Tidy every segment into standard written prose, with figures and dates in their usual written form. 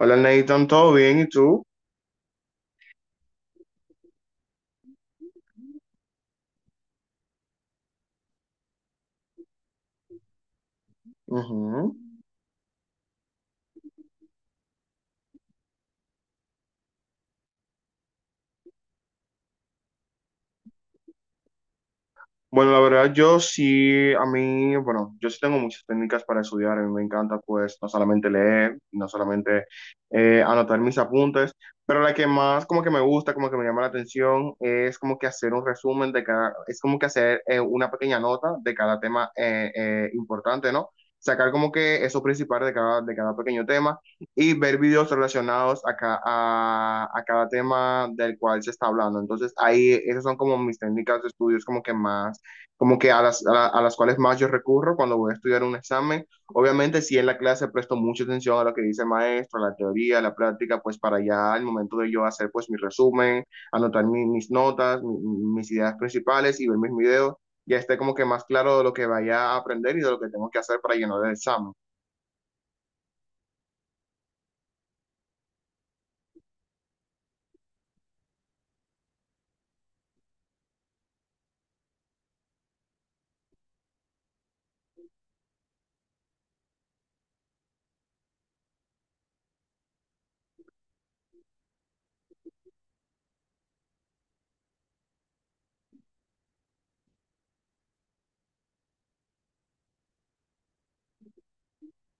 Hola Nathan, ¿todo bien? ¿Y tú? Ujú. Bueno, la verdad, yo sí, a mí, bueno, yo sí tengo muchas técnicas para estudiar, a mí me encanta pues no solamente leer, no solamente anotar mis apuntes, pero la que más como que me gusta, como que me llama la atención, es como que hacer un resumen de cada, es como que hacer una pequeña nota de cada tema importante, ¿no? Sacar como que eso principal de cada pequeño tema y ver videos relacionados a, a cada tema del cual se está hablando. Entonces, ahí esas son como mis técnicas de estudios como que más como que a las, a las cuales más yo recurro cuando voy a estudiar un examen. Obviamente, si en la clase presto mucha atención a lo que dice el maestro, a la teoría, a la práctica, pues para ya al momento de yo hacer pues mi resumen, anotar mis notas, mis ideas principales y ver mis videos, ya esté como que más claro de lo que vaya a aprender y de lo que tengo que hacer para llenar el examen.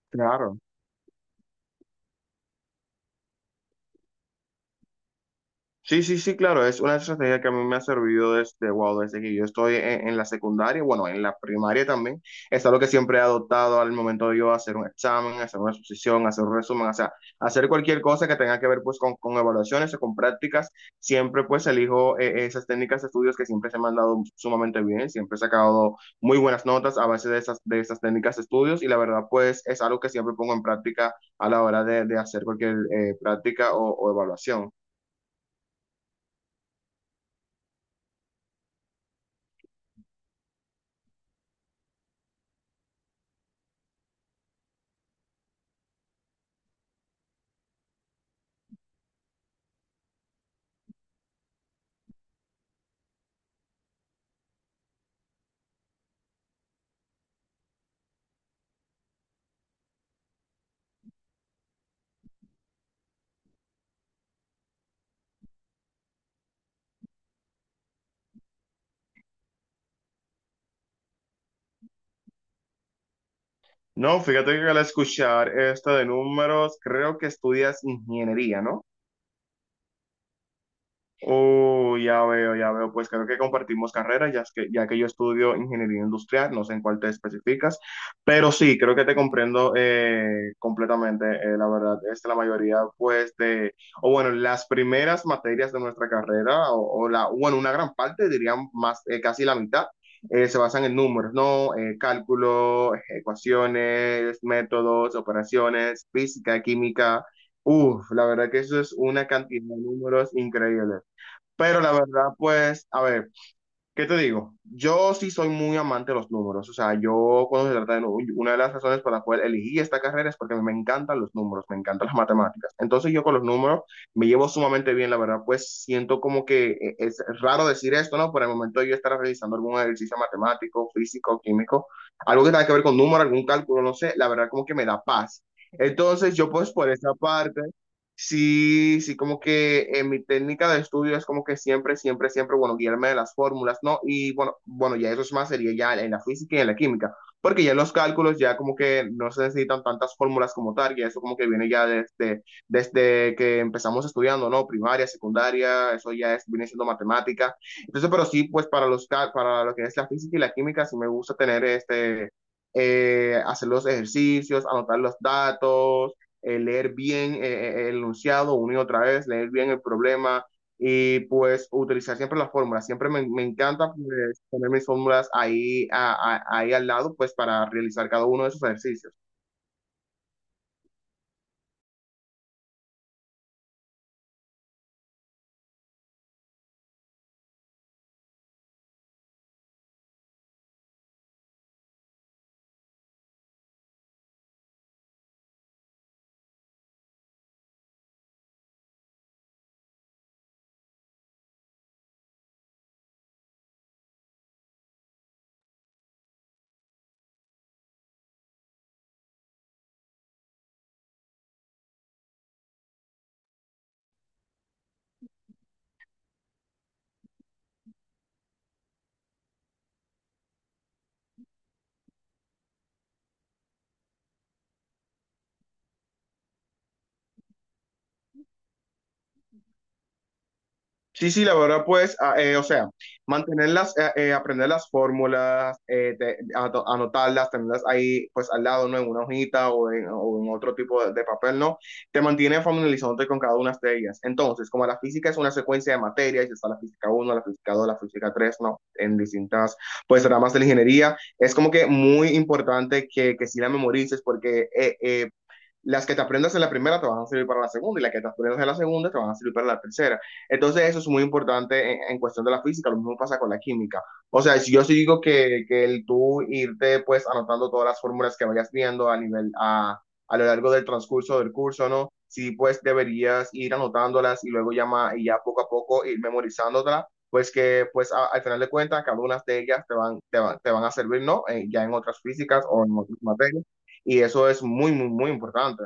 Claro. Sí, sí, sí, claro, es una estrategia que a mí me ha servido desde, wow, desde que yo estoy en la secundaria, bueno, en la primaria también, es algo que siempre he adoptado al momento de yo hacer un examen, hacer una exposición, hacer un resumen, o sea, hacer cualquier cosa que tenga que ver pues con evaluaciones o con prácticas, siempre pues elijo esas técnicas de estudios que siempre se me han dado sumamente bien, siempre he sacado muy buenas notas a base de esas técnicas de estudios y la verdad pues es algo que siempre pongo en práctica a la hora de hacer cualquier práctica o evaluación. No, fíjate que al escuchar esto de números, creo que estudias ingeniería, ¿no? Oh, ya veo, ya veo. Pues creo que compartimos carreras ya es que, ya que yo estudio ingeniería industrial, no sé en cuál te especificas, pero sí, creo que te comprendo completamente. La verdad, es la mayoría, pues, de, o bueno, las primeras materias de nuestra carrera, o la, bueno, una gran parte, dirían más, casi la mitad, se basan en números, ¿no? Cálculo, ecuaciones, métodos, operaciones, física, química. Uf, la verdad que eso es una cantidad de números increíble. Pero la verdad, pues, a ver, ¿qué te digo? Yo sí soy muy amante de los números. O sea, yo cuando se trata de números, una de las razones por las cuales elegí esta carrera es porque me encantan los números, me encantan las matemáticas. Entonces yo con los números me llevo sumamente bien, la verdad, pues siento como que es raro decir esto, ¿no? Por el momento yo estaré realizando algún ejercicio matemático, físico, químico, algo que tenga que ver con números, algún cálculo, no sé, la verdad como que me da paz. Entonces yo pues por esa parte... Sí, sí, como que en mi técnica de estudio es como que siempre, siempre, siempre, bueno, guiarme de las fórmulas, ¿no? Y bueno, bueno, ya eso es más, sería ya en la física y en la química, porque ya en los cálculos ya como que no se necesitan tantas fórmulas como tal, y eso como que viene ya desde, desde que empezamos estudiando, ¿no? Primaria, secundaria, eso ya es, viene siendo matemática. Entonces, pero sí, pues para los, para lo que es la física y la química, sí me gusta tener este, hacer los ejercicios, anotar los datos leer bien el enunciado una y otra vez, leer bien el problema y pues utilizar siempre las fórmulas. Siempre me, me encanta pues, poner mis fórmulas ahí, ahí al lado pues para realizar cada uno de esos ejercicios. Sí, sí, la verdad, pues, ah, o sea, mantenerlas, aprender las fórmulas, anotarlas, tenerlas ahí, pues, al lado, ¿no? En una hojita o en otro tipo de papel, ¿no? Te mantiene familiarizándote con cada una de ellas. Entonces, como la física es una secuencia de materias, está la física uno, la física 2, la física 3, ¿no? En distintas, pues, ramas de la ingeniería, es como que muy importante que sí la memorices porque las que te aprendas en la primera te van a servir para la segunda y las que te aprendas en la segunda te van a servir para la tercera. Entonces eso es muy importante en cuestión de la física, lo mismo pasa con la química. O sea, si yo sí digo que el tú irte pues anotando todas las fórmulas que vayas viendo a nivel a lo largo del transcurso del curso, ¿no? Sí, pues deberías ir anotándolas y luego ya, y ya poco a poco ir memorizándolas, pues que pues al final de cuentas cada una de ellas te van, te van, te van a servir, ¿no? Ya en otras físicas o en otras materias. Y eso es muy, muy, muy importante.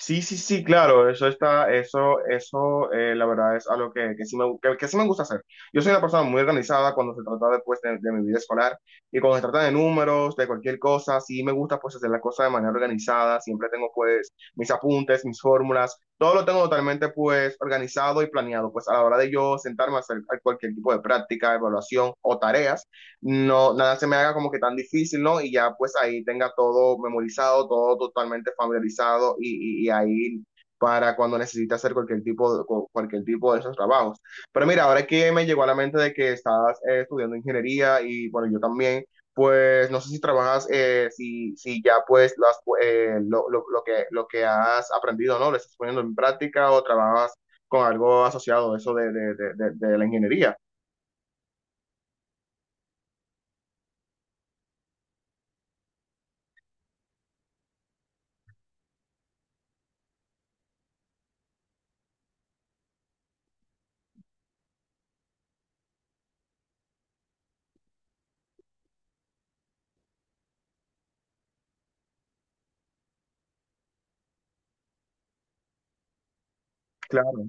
Sí, sí, sí, claro, eso está, eso, la verdad es algo que sí me gusta hacer. Yo soy una persona muy organizada cuando se trata de, pues, de mi vida escolar y cuando se trata de números, de cualquier cosa, sí me gusta pues hacer las cosas de manera organizada, siempre tengo pues mis apuntes, mis fórmulas, todo lo tengo totalmente pues organizado y planeado, pues a la hora de yo sentarme a hacer cualquier tipo de práctica, evaluación o tareas no, nada se me haga como que tan difícil, ¿no? Y ya pues ahí tenga todo memorizado, todo totalmente familiarizado y ahí para cuando necesite hacer cualquier tipo de, cualquier tipo de esos trabajos. Pero mira, ahora que me llegó a la mente de que estás estudiando ingeniería y bueno, yo también, pues no sé si trabajas, si, si ya pues las, lo que has aprendido, ¿no? ¿Lo estás poniendo en práctica o trabajas con algo asociado a eso de la ingeniería? Claro.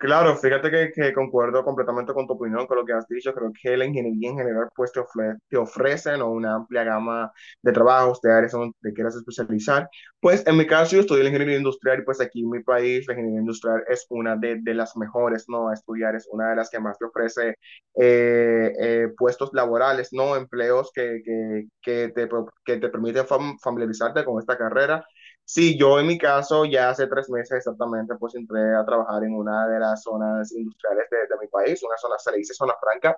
Claro, fíjate que concuerdo completamente con tu opinión, con lo que has dicho. Creo que la ingeniería en general pues te te ofrecen, ¿no? Una amplia gama de trabajos, de áreas donde te quieras especializar. Pues en mi caso yo estudié la ingeniería industrial y pues aquí en mi país la ingeniería industrial es una de las mejores, ¿no? A estudiar es una de las que más te ofrece puestos laborales, ¿no? Empleos que te, que te permiten familiarizarte con esta carrera. Sí, yo en mi caso ya hace 3 meses exactamente pues entré a trabajar en una de las zonas industriales de mi país, una zona, se le dice zona franca,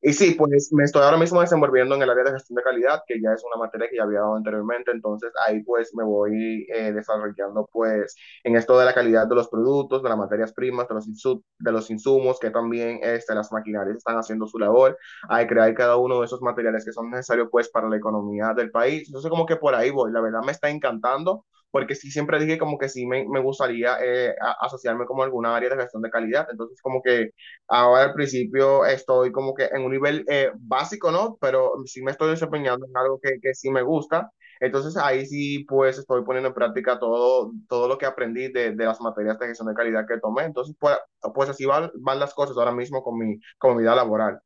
y sí, pues me estoy ahora mismo desenvolviendo en el área de gestión de calidad, que ya es una materia que ya había dado anteriormente, entonces ahí pues me voy desarrollando pues en esto de la calidad de los productos, de las materias primas, de los, de los insumos, que también este, las maquinarias están haciendo su labor, hay crear cada uno de esos materiales que son necesarios pues para la economía del país. Entonces como que por ahí voy, la verdad me está encantando, porque sí siempre dije como que sí me gustaría asociarme como a alguna área de gestión de calidad, entonces como que... Ahora al principio estoy como que en un nivel básico, ¿no? Pero sí me estoy desempeñando en algo que sí me gusta. Entonces ahí sí pues estoy poniendo en práctica todo, todo lo que aprendí de las materias de gestión de calidad que tomé. Entonces pues, pues así van, van las cosas ahora mismo con mi vida laboral.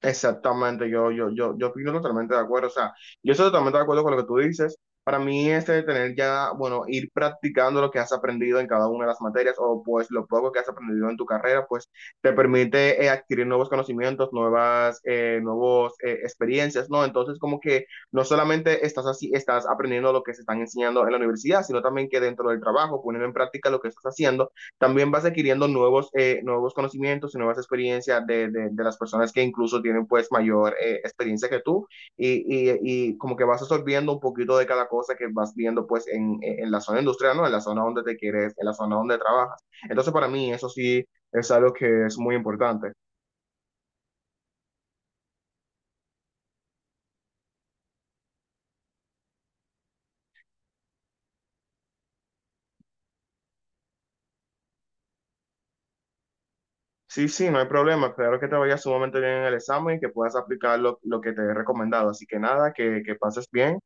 Exactamente, yo opino totalmente de acuerdo. O sea, yo estoy totalmente de acuerdo con lo que tú dices. Para mí, este de tener ya, bueno, ir practicando lo que has aprendido en cada una de las materias o pues lo poco que has aprendido en tu carrera, pues te permite adquirir nuevos conocimientos, nuevas, nuevos experiencias, ¿no? Entonces, como que no solamente estás así, estás aprendiendo lo que se están enseñando en la universidad, sino también que dentro del trabajo, poniendo en práctica lo que estás haciendo también vas adquiriendo nuevos, nuevos conocimientos y nuevas experiencias de, las personas que incluso tienen pues mayor experiencia que tú y, y, y, como que vas absorbiendo un poquito de cada cosa que vas viendo pues en, la zona industrial, ¿no? En la zona donde te quieres, en la zona donde trabajas. Entonces para mí eso sí es algo que es muy importante. Sí, sí, no hay problema. Espero que te vaya sumamente bien en el examen y que puedas aplicar lo que te he recomendado. Así que nada, que pases bien.